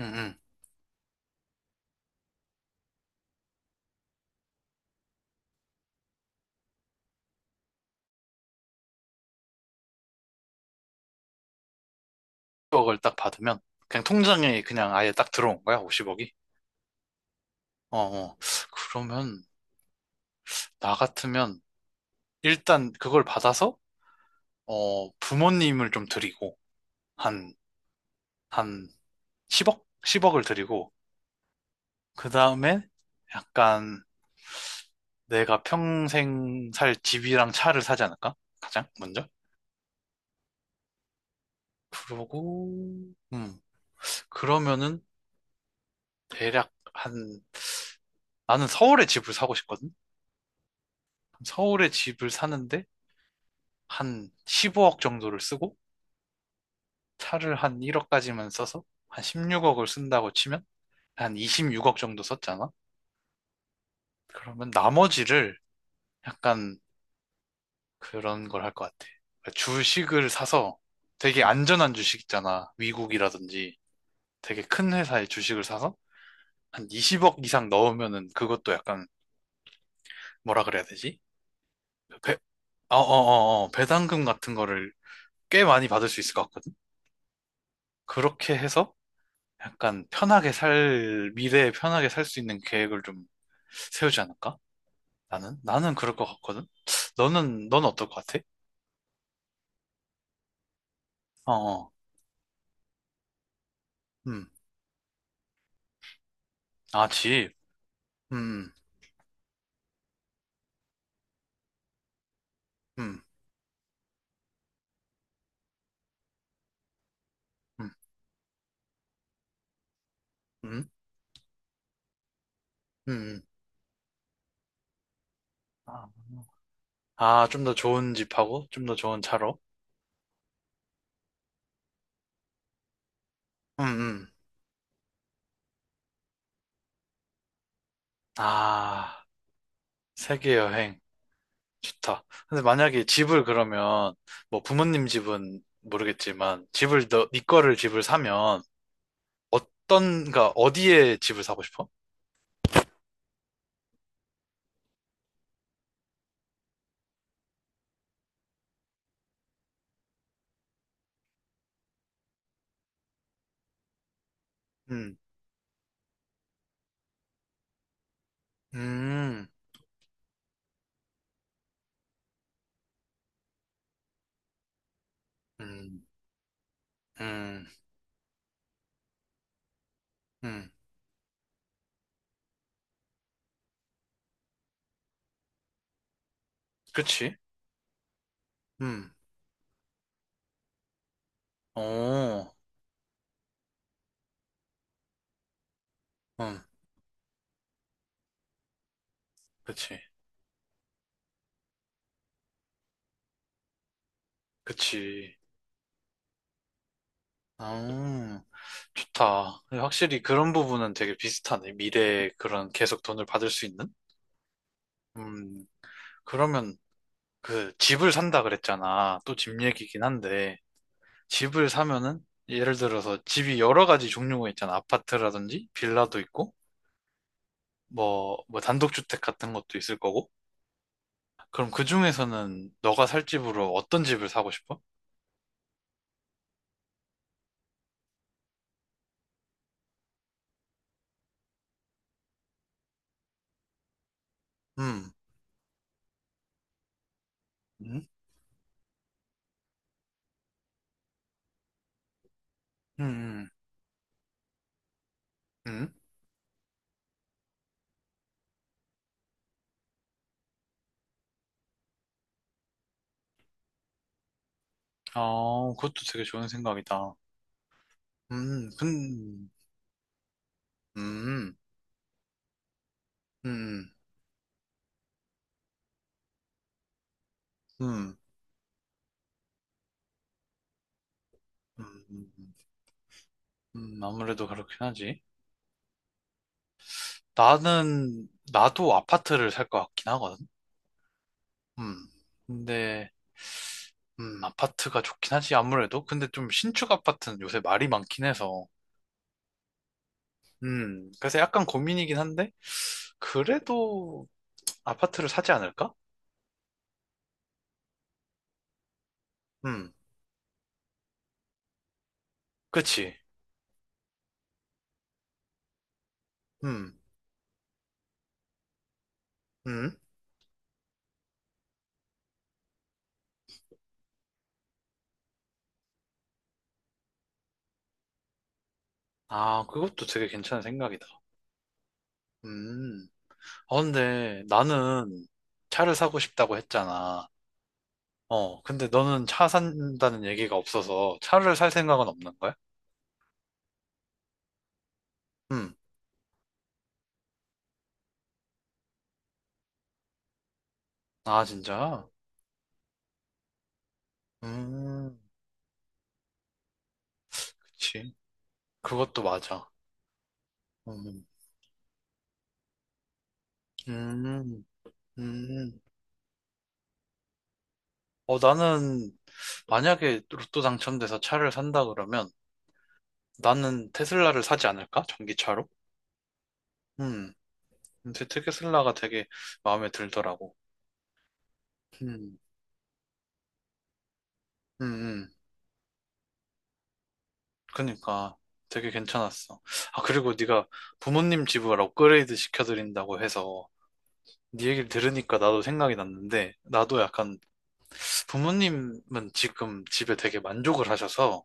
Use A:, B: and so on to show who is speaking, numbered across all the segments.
A: 응응. 10억을 딱 받으면 그냥 통장에 그냥 아예 딱 들어온 거야, 50억이. 어, 어. 그러면 나 같으면 일단 그걸 받아서 부모님을 좀 드리고 한, 한 10억? 10억을 드리고 그 다음에 약간 내가 평생 살 집이랑 차를 사지 않을까? 가장 먼저? 그러고 음. 그러면은 대략 한, 나는 서울에 집을 사고 싶거든. 서울에 집을 사는데 한 15억 정도를 쓰고 차를 한 1억까지만 써서 한 16억을 쓴다고 치면 한 26억 정도 썼잖아? 그러면 나머지를 약간 그런 걸 할 것 같아. 그러니까 주식을 사서 되게 안전한 주식 있잖아. 미국이라든지 되게 큰 회사의 주식을 사서 한 20억 이상 넣으면은 그것도 약간 뭐라 그래야 되지? 그 배, 어, 어, 어, 어, 배당금 같은 거를 꽤 많이 받을 수 있을 것 같거든? 그렇게 해서 약간 미래에 편하게 살 수 있는 계획을 좀 세우지 않을까? 나는? 나는 그럴 것 같거든? 넌 어떨 것 같아? 어, 어, 음. 아, 집. 음, 음, 음, 음, 음. 음. 아, 좀 더 좋은 집하고, 좀 더 좋은 차로. 음, 음. 아, 세계 여행. 좋다. 근데 만약에 집을 그러면, 뭐 부모님 집은 모르겠지만, 집을, 너, 네 거를 집을 사면, 어떤, 가 어디에 집을 사고 싶어? 음. 음. 음, 음, 음, 그치? 음, 어, 음, 그치, 그치. 아, 좋다. 확실히 그런 부분은 되게 비슷하네. 미래에 그런 계속 돈을 받을 수 있는? 음, 그러면 그 집을 산다 그랬잖아. 또 집 얘기긴 한데, 집을 사면은 예를 들어서 집이 여러 가지 종류가 있잖아. 아파트라든지 빌라도 있고, 뭐 단독주택 같은 것도 있을 거고. 그럼 그 중에서는 너가 살 집으로 어떤 집을 사고 싶어? 음. 음, 음, 음. 아, 그것도 되게 좋은 생각이다. 음, 근, 음, 음, 음, 음, 아무래도 그렇긴 하지. 나도 아파트를 살 것 같긴 하거든. 음, 근데, 아파트가 좋긴 하지, 아무래도. 근데 좀 신축 아파트는 요새 말이 많긴 해서. 그래서 약간 고민이긴 한데, 그래도 아파트를 사지 않을까? 음, 그치. 음, 음. 아, 그것도 되게 괜찮은 생각이다. 음. 어, 근데 나는 차를 사고 싶다고 했잖아. 어, 근데 너는 차 산다는 얘기가 없어서 차를 살 생각은 없는 거야? 음. 아, 진짜? 음, 그치. 그것도 맞아. 음, 음, 음. 어, 나는 만약에 로또 당첨돼서 차를 산다 그러면 나는 테슬라를 사지 않을까? 전기차로? 음. 근데 테슬라가 되게 마음에 들더라고. 음, 음, 음. 그니까 되게 괜찮았어. 아, 그리고 네가 부모님 집을 업그레이드 시켜드린다고 해서 네 얘기를 들으니까 나도 생각이 났는데 나도 약간 부모님은 지금 집에 되게 만족을 하셔서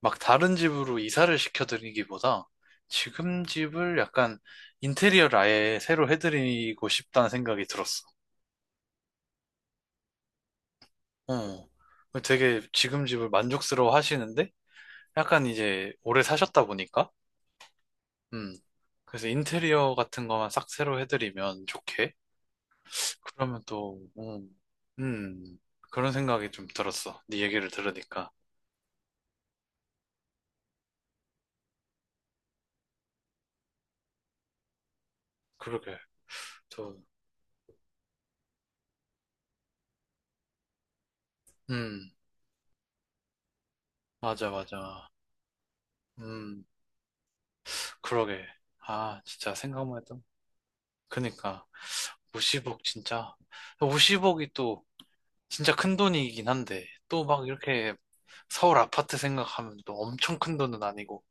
A: 막 다른 집으로 이사를 시켜드리기보다 지금 집을 약간 인테리어를 아예 새로 해드리고 싶다는 생각이 들었어. 어. 되게 지금 집을 만족스러워 하시는데 약간 이제 오래 사셨다 보니까. 음. 그래서 인테리어 같은 거만 싹 새로 해드리면 좋게? 그러면 또, 음, 그런 생각이 좀 들었어. 네 얘기를 들으니까. 그러게. 또, 음, 맞아, 맞아. 음, 그러게. 아, 진짜 생각만 해도. 그니까, 50억 진짜. 50억이 또, 진짜 큰 돈이긴 한데, 또 막 이렇게 서울 아파트 생각하면 또 엄청 큰 돈은 아니고.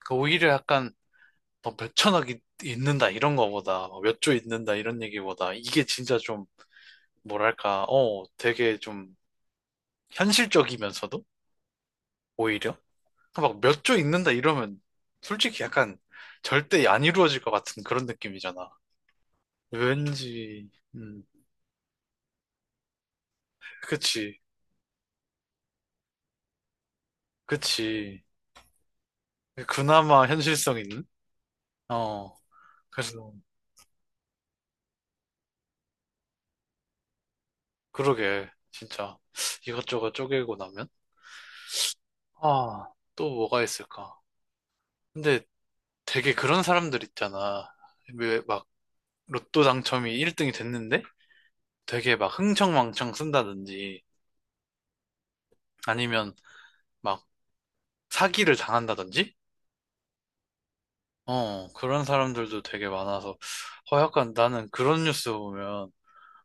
A: 그 오히려 약간 뭐 몇천억이 있는다 이런 거보다 몇 조 있는다 이런 얘기보다 이게 진짜 좀 뭐랄까, 어, 되게 좀 현실적이면서도 오히려 막 몇 조 있는다 이러면 솔직히 약간 절대 안 이루어질 것 같은 그런 느낌이잖아, 왠지. 음, 그치, 그치. 그나마 현실성 있는. 어. 그래서 그러게 진짜 이것저것 쪼개고 나면, 아, 또 뭐가 있을까. 근데 되게 그런 사람들 있잖아. 왜 막 로또 당첨이 1등이 됐는데 되게 막 흥청망청 쓴다든지 아니면 막 사기를 당한다든지? 어, 그런 사람들도 되게 많아서 어, 약간 나는 그런 뉴스 보면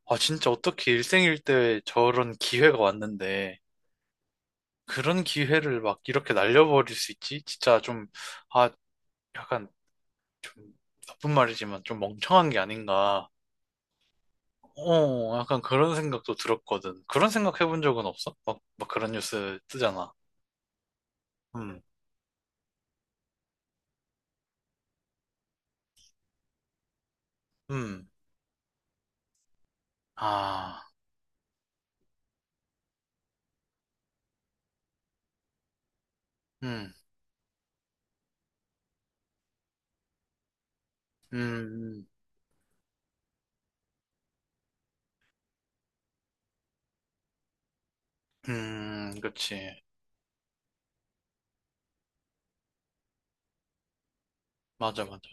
A: 아, 진짜 어떻게 일생일대에 저런 기회가 왔는데 그런 기회를 막 이렇게 날려버릴 수 있지? 진짜 좀, 아, 약간 좀, 나쁜 말이지만 좀 멍청한 게 아닌가. 어, 약간 그런 생각도 들었거든. 그런 생각 해본 적은 없어? 막 그런 뉴스 뜨잖아. 음, 음, 아, 음, 음, 그치. 맞아, 맞아.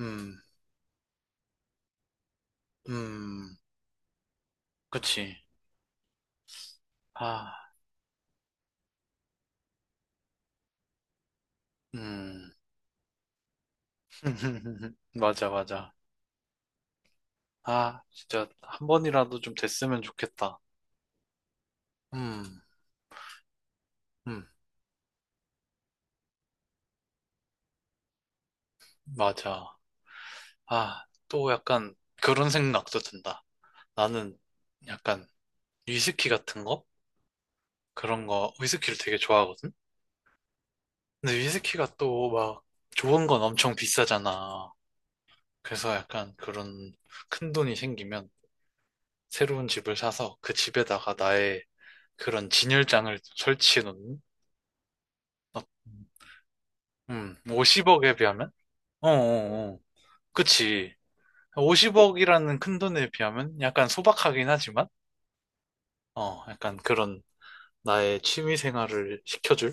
A: 음, 음, 그치. 아, 음, 맞아, 맞아. 아, 진짜 한 번이라도 좀 됐으면 좋겠다. 음, 음, 맞아. 아, 또 약간 그런 생각도 든다. 나는 약간 위스키 같은 거? 그런 거, 위스키를 되게 좋아하거든? 근데 위스키가 또 막 좋은 건 엄청 비싸잖아. 그래서 약간 그런 큰 돈이 생기면 새로운 집을 사서 그 집에다가 나의 그런 진열장을 설치해 놓는? 어, 50억에 비하면? 어어어. 그치. 50억이라는 큰 돈에 비하면 약간 소박하긴 하지만, 어, 약간 그런 나의 취미 생활을 시켜줄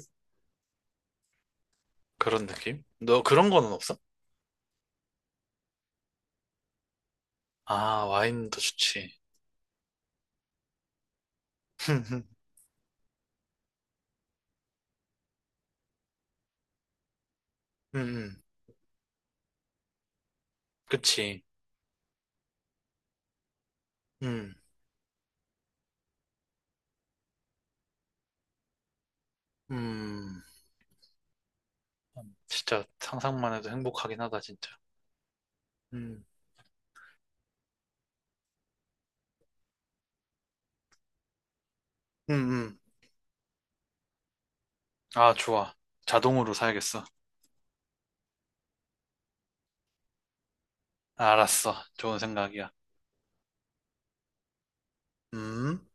A: 그런 느낌? 너 그런 거는 없어? 아, 와인도 좋지. 음, 음. 그치. 음, 음, 진짜 상상만 해도 행복하긴 하다, 진짜. 음, 음, 음. 아, 좋아. 자동으로 사야겠어. 알았어. 좋은 생각이야. 음. 음.